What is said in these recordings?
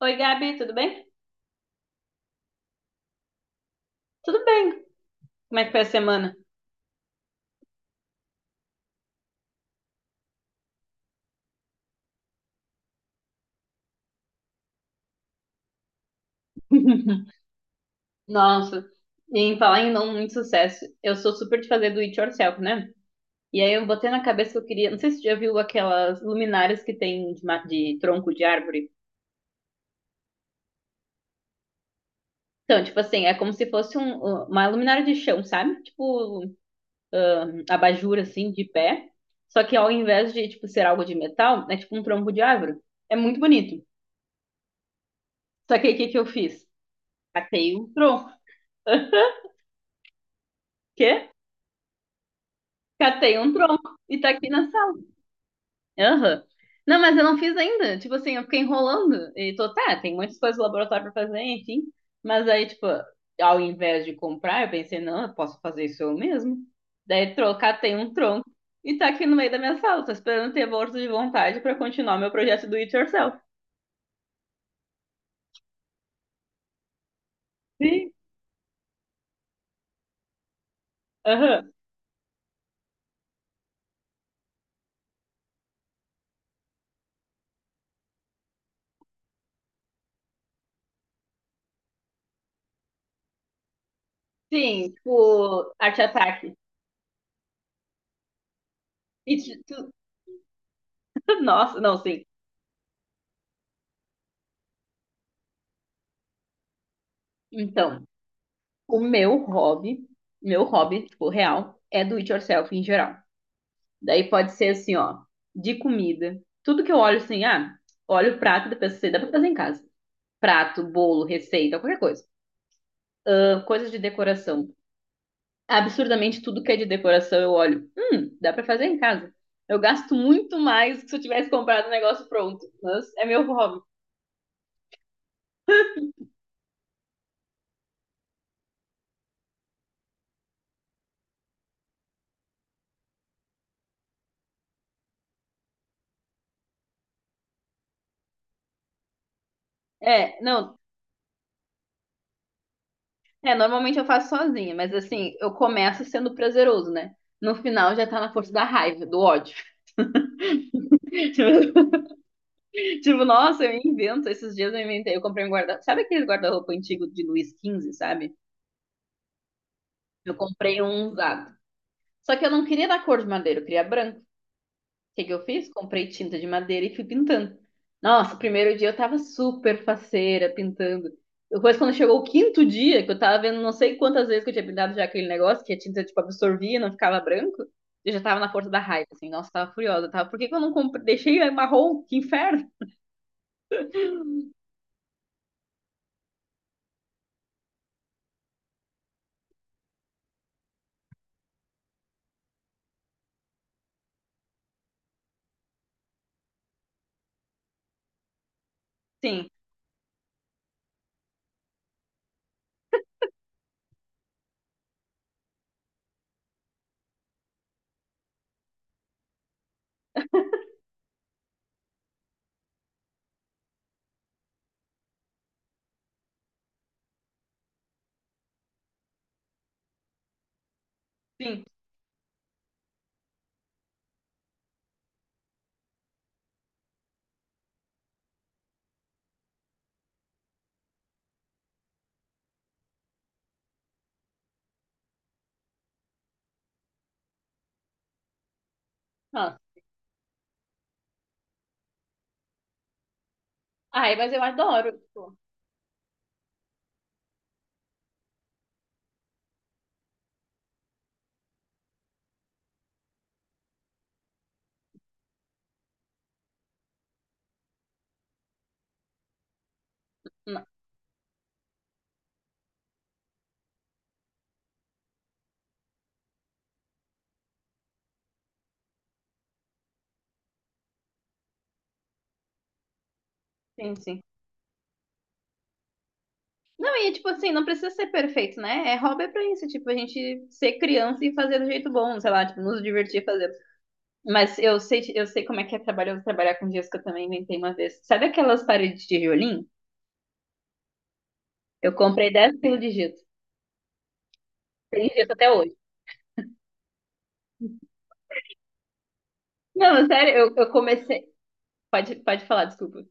Oi, Gabi, tudo bem? Tudo bem. Como é que foi a semana? Nossa, e em falar em não muito sucesso, eu sou super de fazer do it yourself, né? E aí eu botei na cabeça que eu queria. Não sei se você já viu aquelas luminárias que tem de, de tronco de árvore. Então, tipo assim, é como se fosse uma luminária de chão, sabe? Tipo, um abajur, assim, de pé. Só que ao invés de, tipo, ser algo de metal, é tipo um tronco de árvore. É muito bonito. Só que aí o que que eu fiz? Catei um tronco. Quê? Catei um tronco e tá aqui na sala. Aham. Não, mas eu não fiz ainda. Tipo assim, eu fiquei enrolando. E tô, tá, tem muitas coisas do laboratório pra fazer, enfim. Mas aí, tipo, ao invés de comprar, eu pensei, não, eu posso fazer isso eu mesmo. Daí trocar tem um tronco e tá aqui no meio da minha sala. Tô esperando ter força de vontade pra continuar meu projeto do It Yourself. Sim. Aham. Sim, tipo, arte ataque. E, tu- tu- nossa, não, sim. Então. O meu hobby, tipo, real, é do it yourself em geral. Daí pode ser assim, ó, de comida. Tudo que eu olho assim, ah, olho o prato da pessoa, dá pra fazer em casa. Prato, bolo, receita, qualquer coisa. Ah, coisas de decoração. Absurdamente tudo que é de decoração eu olho. Dá pra fazer em casa. Eu gasto muito mais do que se eu tivesse comprado um negócio pronto. Mas é meu hobby. É, não, é, normalmente eu faço sozinha, mas assim, eu começo sendo prazeroso, né? No final já tá na força da raiva, do ódio. Tipo, tipo, nossa, eu invento. Esses dias eu inventei. Eu comprei um guarda-roupa. Sabe aquele guarda-roupa antigo de Luiz quinze sabe? Eu comprei um usado. Só que eu não queria da cor de madeira, eu queria branco. O que que eu fiz? Comprei tinta de madeira e fui pintando. Nossa, o primeiro dia eu tava super faceira pintando. Depois, quando chegou o quinto dia, que eu tava vendo não sei quantas vezes que eu tinha pintado já aquele negócio, que a tinta, tipo, absorvia e não ficava branco, eu já tava na força da raiva, assim. Nossa, eu tava furiosa, tava. Por que que eu não comprei? Deixei marrom? Que inferno! Sim, sim. Ah, ai, mas eu adoro, tipo. Não, sim, sim. Não, e tipo assim, não precisa ser perfeito, né? É hobby é pra isso, tipo, a gente ser criança e fazer do jeito bom, sei lá, tipo, nos divertir fazendo. Mas eu sei como é que é trabalhoso trabalhar com giz que eu também inventei uma vez. Sabe aquelas paredes de tijolinho? Eu comprei 10 quilos de giz. Tem giz até hoje. Não, sério, eu comecei. Pode falar, desculpa.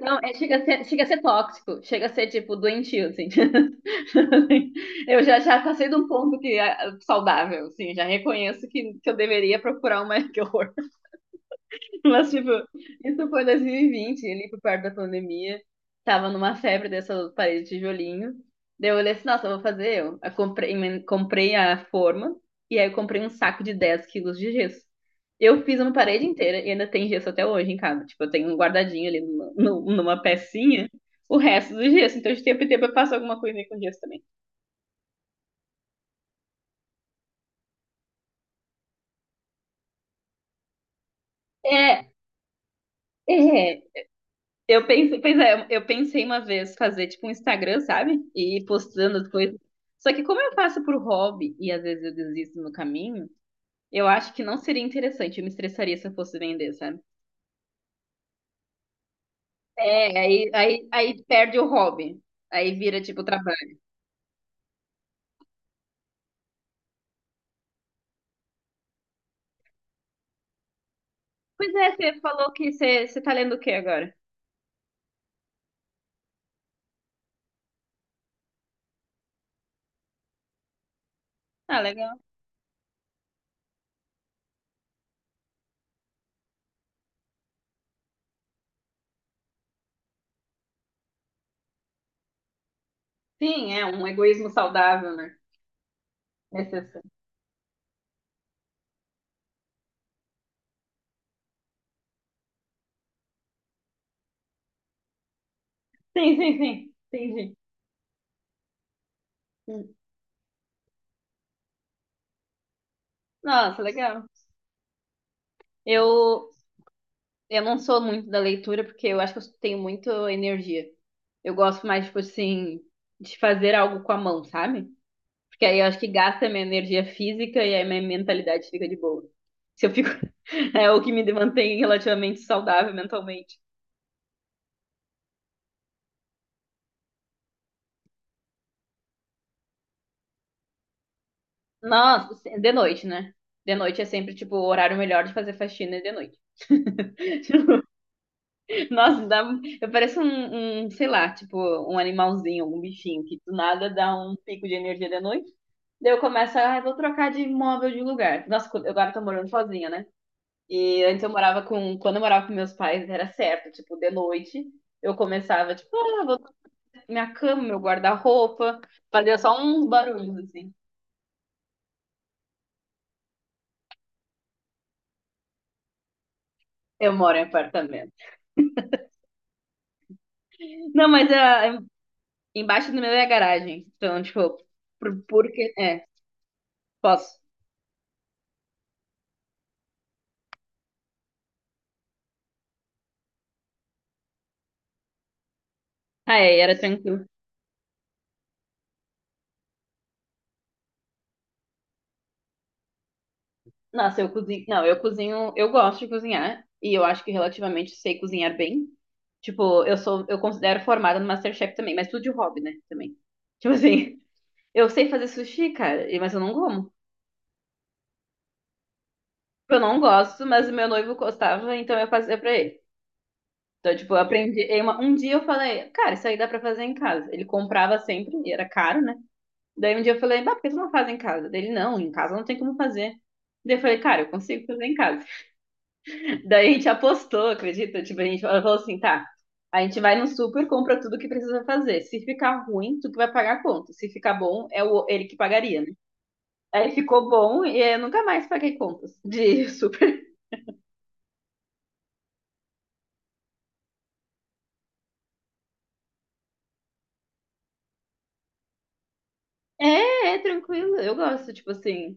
Não, é, chega a ser tóxico, chega a ser, tipo, doentio, assim. Eu já, já passei de um ponto que é saudável, assim, já reconheço que eu deveria procurar uma que horror. Mas, tipo, isso foi 2020, ali por perto da pandemia. Tava numa febre dessas paredes de tijolinho. Daí eu olhei assim, nossa, eu vou fazer eu. Eu comprei, comprei a forma e aí eu comprei um saco de 10 quilos de gesso. Eu fiz uma parede inteira e ainda tem gesso até hoje em casa. Tipo, eu tenho um guardadinho ali numa pecinha o resto do gesso. Então, de tempo em tempo eu passo alguma coisa aí com gesso também. É, É, eu pensei, pois é, eu pensei uma vez fazer tipo um Instagram, sabe? E ir postando as coisas. Só que como eu faço por hobby e às vezes eu desisto no caminho, eu acho que não seria interessante. Eu me estressaria se eu fosse vender, sabe? É, aí perde o hobby. Aí vira tipo trabalho. Pois é, você falou que você tá lendo o quê agora? Ah, legal. Sim, é um egoísmo saudável, né? Necessário. Sim, sim, sim. Entendi. Sim. Nossa, legal. Eu, Eu não sou muito da leitura porque eu acho que eu tenho muito energia. Eu gosto mais, tipo assim, de fazer algo com a mão, sabe? Porque aí eu acho que gasta minha energia física e aí minha mentalidade fica de boa. Se eu fico, é o que me mantém relativamente saudável mentalmente. Nossa, de noite, né? De noite é sempre, tipo, o horário melhor de fazer faxina é de noite. Nossa, dá, eu pareço um, sei lá, tipo, um animalzinho, algum bichinho que do nada dá um pico de energia de noite. Daí eu começo, ah, eu vou trocar de imóvel de lugar. Nossa, eu agora tô morando sozinha, né? E antes eu morava com, quando eu morava com meus pais, era certo, tipo, de noite, eu começava, tipo, ah, vou trocar minha cama, meu guarda-roupa, fazia só uns barulhos, assim. Eu moro em apartamento. Não, mas ah, embaixo do meu é a garagem, então, tipo, por, porque, é, posso. Ah, é, era tranquilo. Nossa, eu cozinho. Não, eu cozinho. Eu gosto de cozinhar. E eu acho que relativamente sei cozinhar bem. Tipo, eu sou. Eu considero formada no MasterChef também, mas tudo de hobby, né? Também. Tipo assim, eu sei fazer sushi, cara, e- mas eu não como. Eu não gosto, mas o meu noivo gostava, então eu fazia pra ele. Então, tipo, eu aprendi. Um dia eu falei, cara, isso aí dá pra fazer em casa. Ele comprava sempre, e era caro, né? Daí um dia eu falei, bah, por que tu não faz em casa? Dele não, em casa não tem como fazer. Daí eu falei, cara, eu consigo fazer em casa. Daí a gente apostou, acredita? Tipo, a gente falou assim, tá, a gente vai no super, compra tudo que precisa fazer. Se ficar ruim, tu que vai pagar a conta. Se ficar bom, ele que pagaria, né? Aí ficou bom e eu nunca mais paguei contas de super. É, é tranquilo, eu gosto, tipo assim.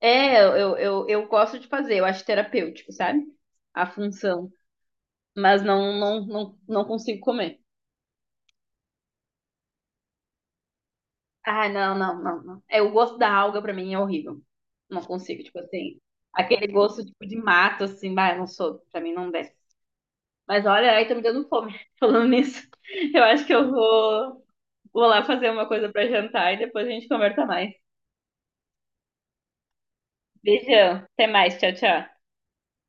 É, eu gosto de fazer, eu acho terapêutico, sabe? A função. Mas não, não, não, não consigo comer. Ai, não, não, não, não. É, o gosto da alga pra mim é horrível. Não consigo, tipo assim, aquele gosto tipo de mato, assim, bah, eu não sou, pra mim não desce. Mas olha, aí tá me dando fome falando nisso. Eu acho que eu vou lá fazer uma coisa pra jantar e depois a gente conversa mais. Beijão, até mais, tchau, tchau.